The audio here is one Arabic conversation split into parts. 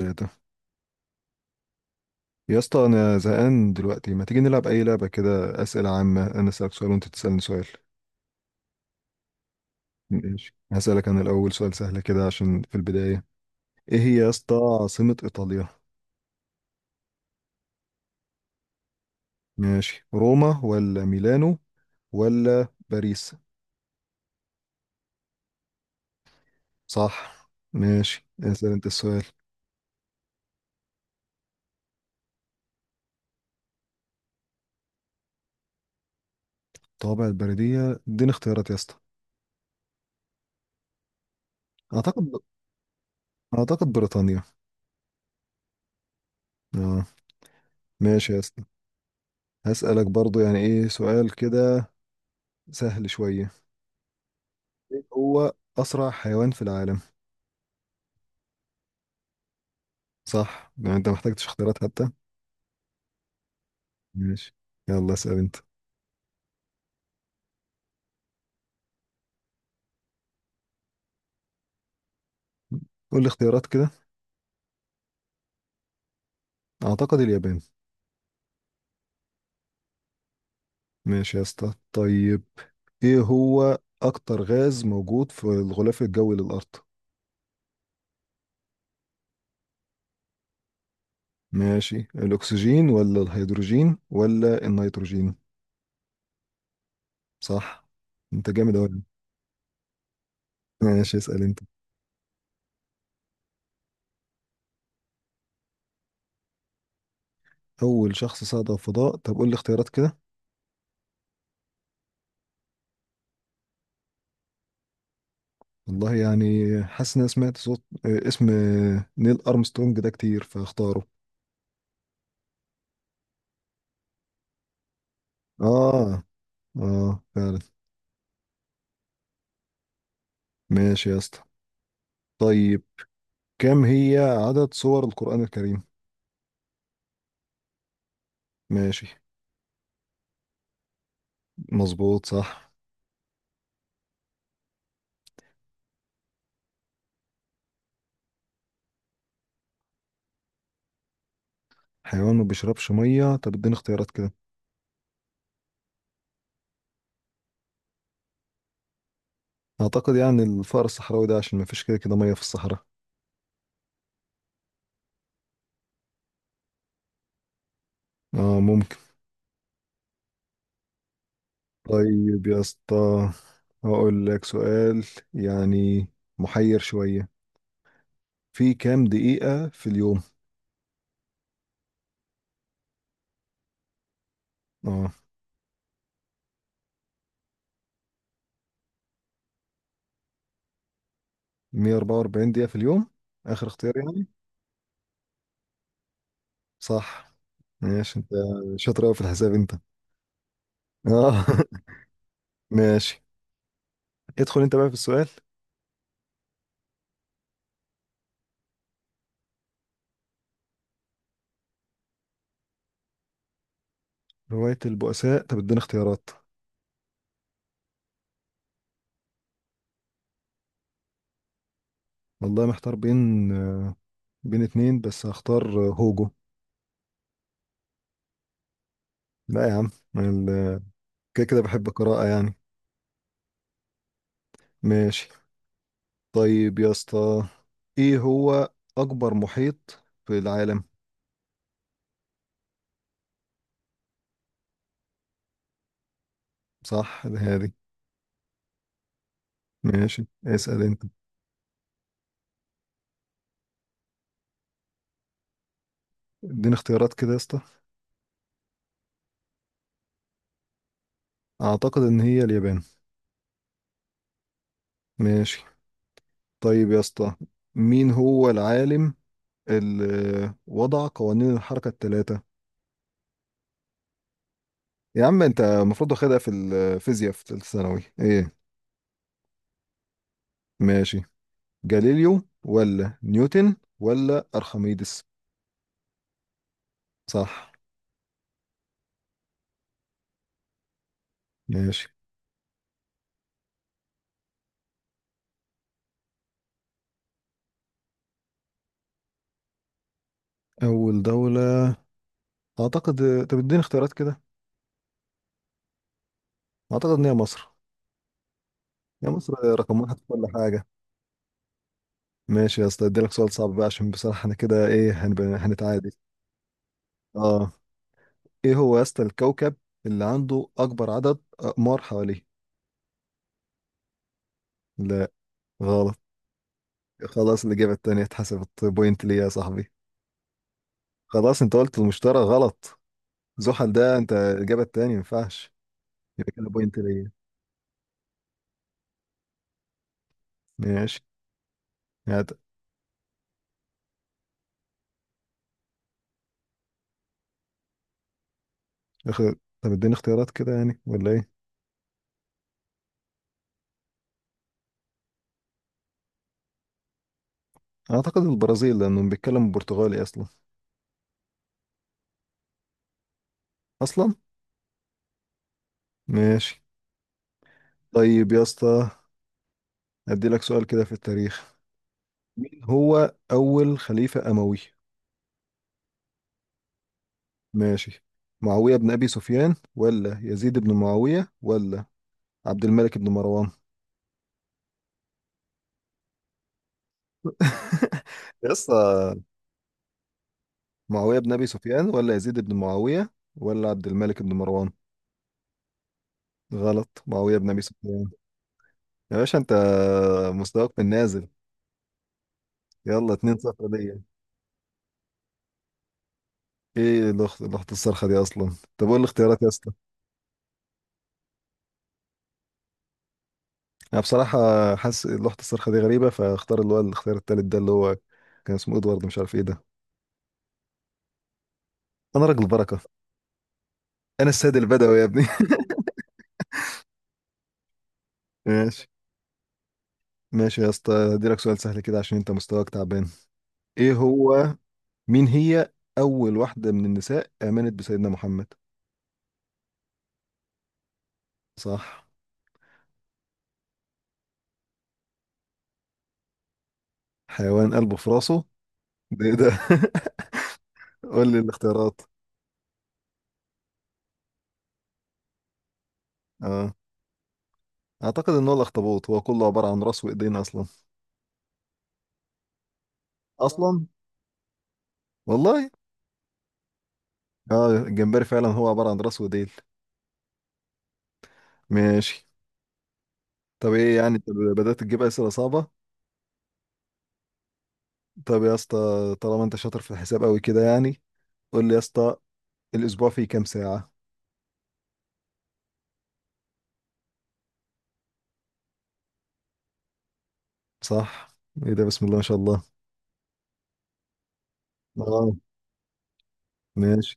ايه ده يا اسطى، انا زهقان دلوقتي. ما تيجي نلعب اي لعبه كده اسئله عامه، انا اسالك سؤال وانت تسالني سؤال. ماشي، هسالك انا الاول سؤال سهل كده عشان في البدايه. ايه هي يا اسطى عاصمه ايطاليا؟ ماشي، روما ولا ميلانو ولا باريس؟ صح. ماشي، اسال انت السؤال. طابع البريديه، اديني اختيارات يا اسطى. اعتقد، اعتقد بريطانيا. اه. ماشي يا اسطى، هسالك برضو يعني ايه سؤال كده سهل شويه. ايه هو اسرع حيوان في العالم؟ صح، لو انت محتاجتش اختيارات حتى. ماشي، يلا اسأل انت. قول لي اختيارات كده. اعتقد اليابان. ماشي يا اسطى، طيب ايه هو اكتر غاز موجود في الغلاف الجوي للارض؟ ماشي، الاكسجين ولا الهيدروجين ولا النيتروجين؟ صح. انت جامد اوي. ماشي، اسأل انت. اول شخص صعد على الفضاء؟ طب قول لي اختيارات كده. والله يعني، حاسس ان انا سمعت صوت اسم نيل ارمسترونج ده كتير فاختاره. اه، اه فعلا. ماشي يا اسطى، طيب كم هي عدد سور القرآن الكريم؟ ماشي. مظبوط، صح. حيوان ما بيشربش مية؟ طب اديني اختيارات كده. اعتقد يعني الفأر الصحراوي ده، عشان ما فيش كده كده مية في الصحراء. اه، ممكن. طيب يا اسطى، هقول لك سؤال يعني محير شوية. في كام دقيقة في اليوم؟ اه، 144 دقيقة في اليوم، اخر اختيار يعني. صح. ماشي. انت شاطر قوي في الحساب انت. اه ماشي، ادخل انت بقى في السؤال. رواية البؤساء؟ طب اديني اختيارات. والله محتار بين بين اتنين، بس هختار هوجو. لا يا عم. ال- كده كده بحب القراءة يعني. ماشي. طيب يا اسطى، ايه هو أكبر محيط في العالم؟ صح هذه. ماشي، اسأل انت. اديني اختيارات كده يا اسطى. أعتقد إن هي اليابان. ماشي. طيب يا اسطى، مين هو العالم اللي وضع قوانين الحركة الثلاثة؟ يا عم انت المفروض واخدها في الفيزياء في ثالثه ثانوي، ايه. ماشي، جاليليو ولا نيوتن ولا ارخميدس؟ صح. ماشي. اول دولة؟ اعتقد. طب اديني اختيارات كده. اعتقد ان هي مصر. يا مصر، رقم واحد في كل حاجة. ماشي يا اسطى، اديلك سؤال صعب بقى، عشان بصراحة انا كده ايه، هنتعادل. اه. ايه هو يا اسطى الكوكب اللي عنده اكبر عدد اقمار حواليه؟ لا، غلط. خلاص، الإجابة التانية اتحسبت بوينت ليا يا صاحبي. خلاص، انت قلت المشتري غلط. زحل ده انت الإجابة التانية، ما ينفعش. يبقى كده بوينت ليا. ماشي. يعني اخ- طب اديني اختيارات كده يعني، ولا ايه؟ اعتقد البرازيل، لانهم بيتكلموا برتغالي اصلا. اصلا. ماشي. طيب يا اسطى، ادي لك سؤال كده في التاريخ. مين هو اول خليفة اموي؟ ماشي. معاوية بن ابي سفيان ولا يزيد بن معاوية ولا عبد الملك بن مروان؟ يا اسطى. معاوية بن ابي سفيان ولا يزيد بن معاوية ولا عبد الملك بن مروان؟ غلط، معاوية بن ابي سفيان. يا باشا انت مستواك في النازل. يلا 2 صفر ليا. ايه اللوحة، اللوحة الصرخة دي اصلا؟ طب قول الاختيارات يا اسطى. انا بصراحة حاسس اللوحة الصرخة دي غريبة، فاختار اللي هو الاختيار التالت ده، اللي هو كان اسمه ادوارد، مش عارف ايه ده. انا راجل بركة. انا السيد البدوي يا ابني. ماشي. ماشي يا اسطى، هديلك سؤال سهل كده عشان انت مستواك تعبان. ايه هو، مين هي اول واحدة من النساء امنت بسيدنا محمد؟ صح. حيوان قلبه في راسه؟ ده ايه ده؟ قول لي الاختيارات. اه. اعتقد ان هو الاخطبوط، هو كله عباره عن راس وايدين اصلا. اصلا. والله. اه، الجمبري فعلا هو عباره عن راس وايدين. ماشي. طب ايه يعني، طب بدات تجيب اسئله صعبه. طب يا اسطى، طالما انت شاطر في الحساب قوي كده يعني، قول لي يا اسطى، الاسبوع فيه كام ساعه؟ صح. ايه ده، بسم الله ما شاء الله. اه. ماشي.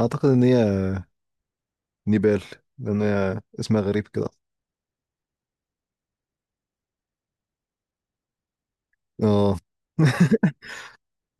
اعتقد ان هي نيبال، لان هي اسمها غريب كده. اه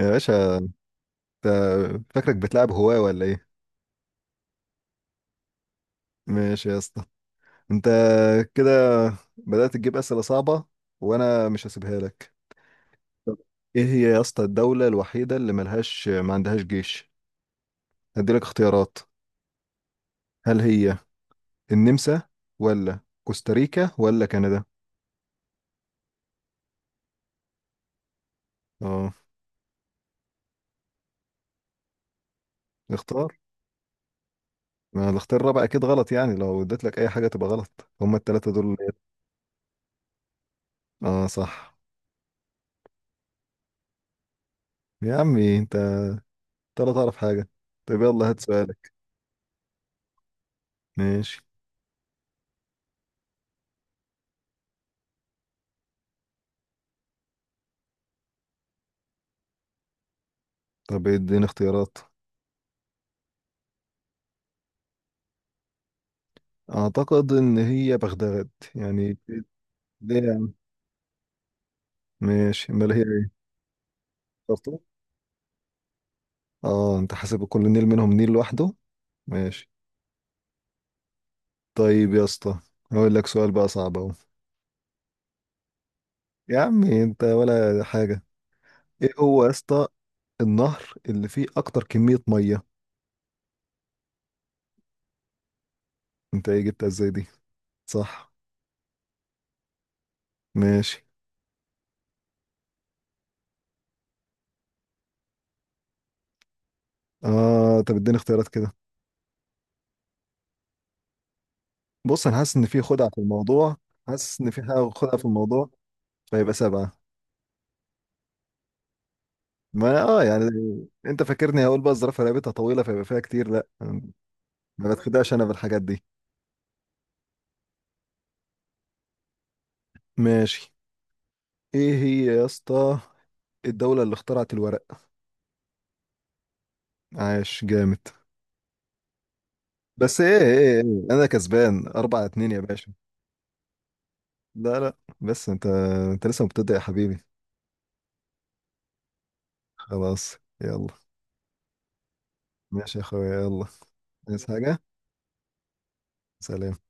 يا باشا انت فاكرك بتلعب هواه ولا ايه؟ ماشي يا اسطى، انت كده بدأت تجيب أسئلة صعبة، وانا مش هسيبها لك. طب. ايه هي يا اسطى الدولة الوحيدة اللي ملهاش، ما عندهاش جيش؟ هديلك اختيارات. هل هي النمسا ولا كوستاريكا ولا كندا؟ اه. اختار. ما الاختيار الرابع اكيد غلط يعني، لو اديت لك اي حاجة تبقى غلط، هما التلاتة دول اه صح. يا عمي انت، انت لا تعرف حاجة. طب يلا هات سؤالك. ماشي. طب اديني اختيارات. اعتقد ان هي بغداد، يعني. ليه؟ ماشي امال هي ايه؟ شرطه. اه، انت حاسب كل نيل منهم نيل لوحده. ماشي. طيب يا اسطى، هقول لك سؤال بقى صعب اهو. يا عمي انت ولا حاجه. ايه هو يا اسطى النهر اللي فيه اكتر كميه ميه؟ انت ايه، جبتها ازاي دي؟ صح. ماشي. اه، طب اديني اختيارات كده. بص انا حاسس ان في خدعه في الموضوع. حاسس ان في حاجه خدعه في الموضوع، فيبقى سبعه. ما اه يعني، انت فاكرني هقول بقى الزرافه رقبتها طويله فيبقى فيها كتير؟ لا. ما بتخدعش انا بالحاجات دي. ماشي. ايه هي يا اسطى الدولة اللي اخترعت الورق؟ عاش، جامد. بس ايه ايه, إيه. انا كسبان اربعة اتنين يا باشا. لا لا، بس انت، انت لسه مبتدئ يا حبيبي. خلاص. يلا. ماشي يا اخويا، يلا. عايز حاجة؟ سلام.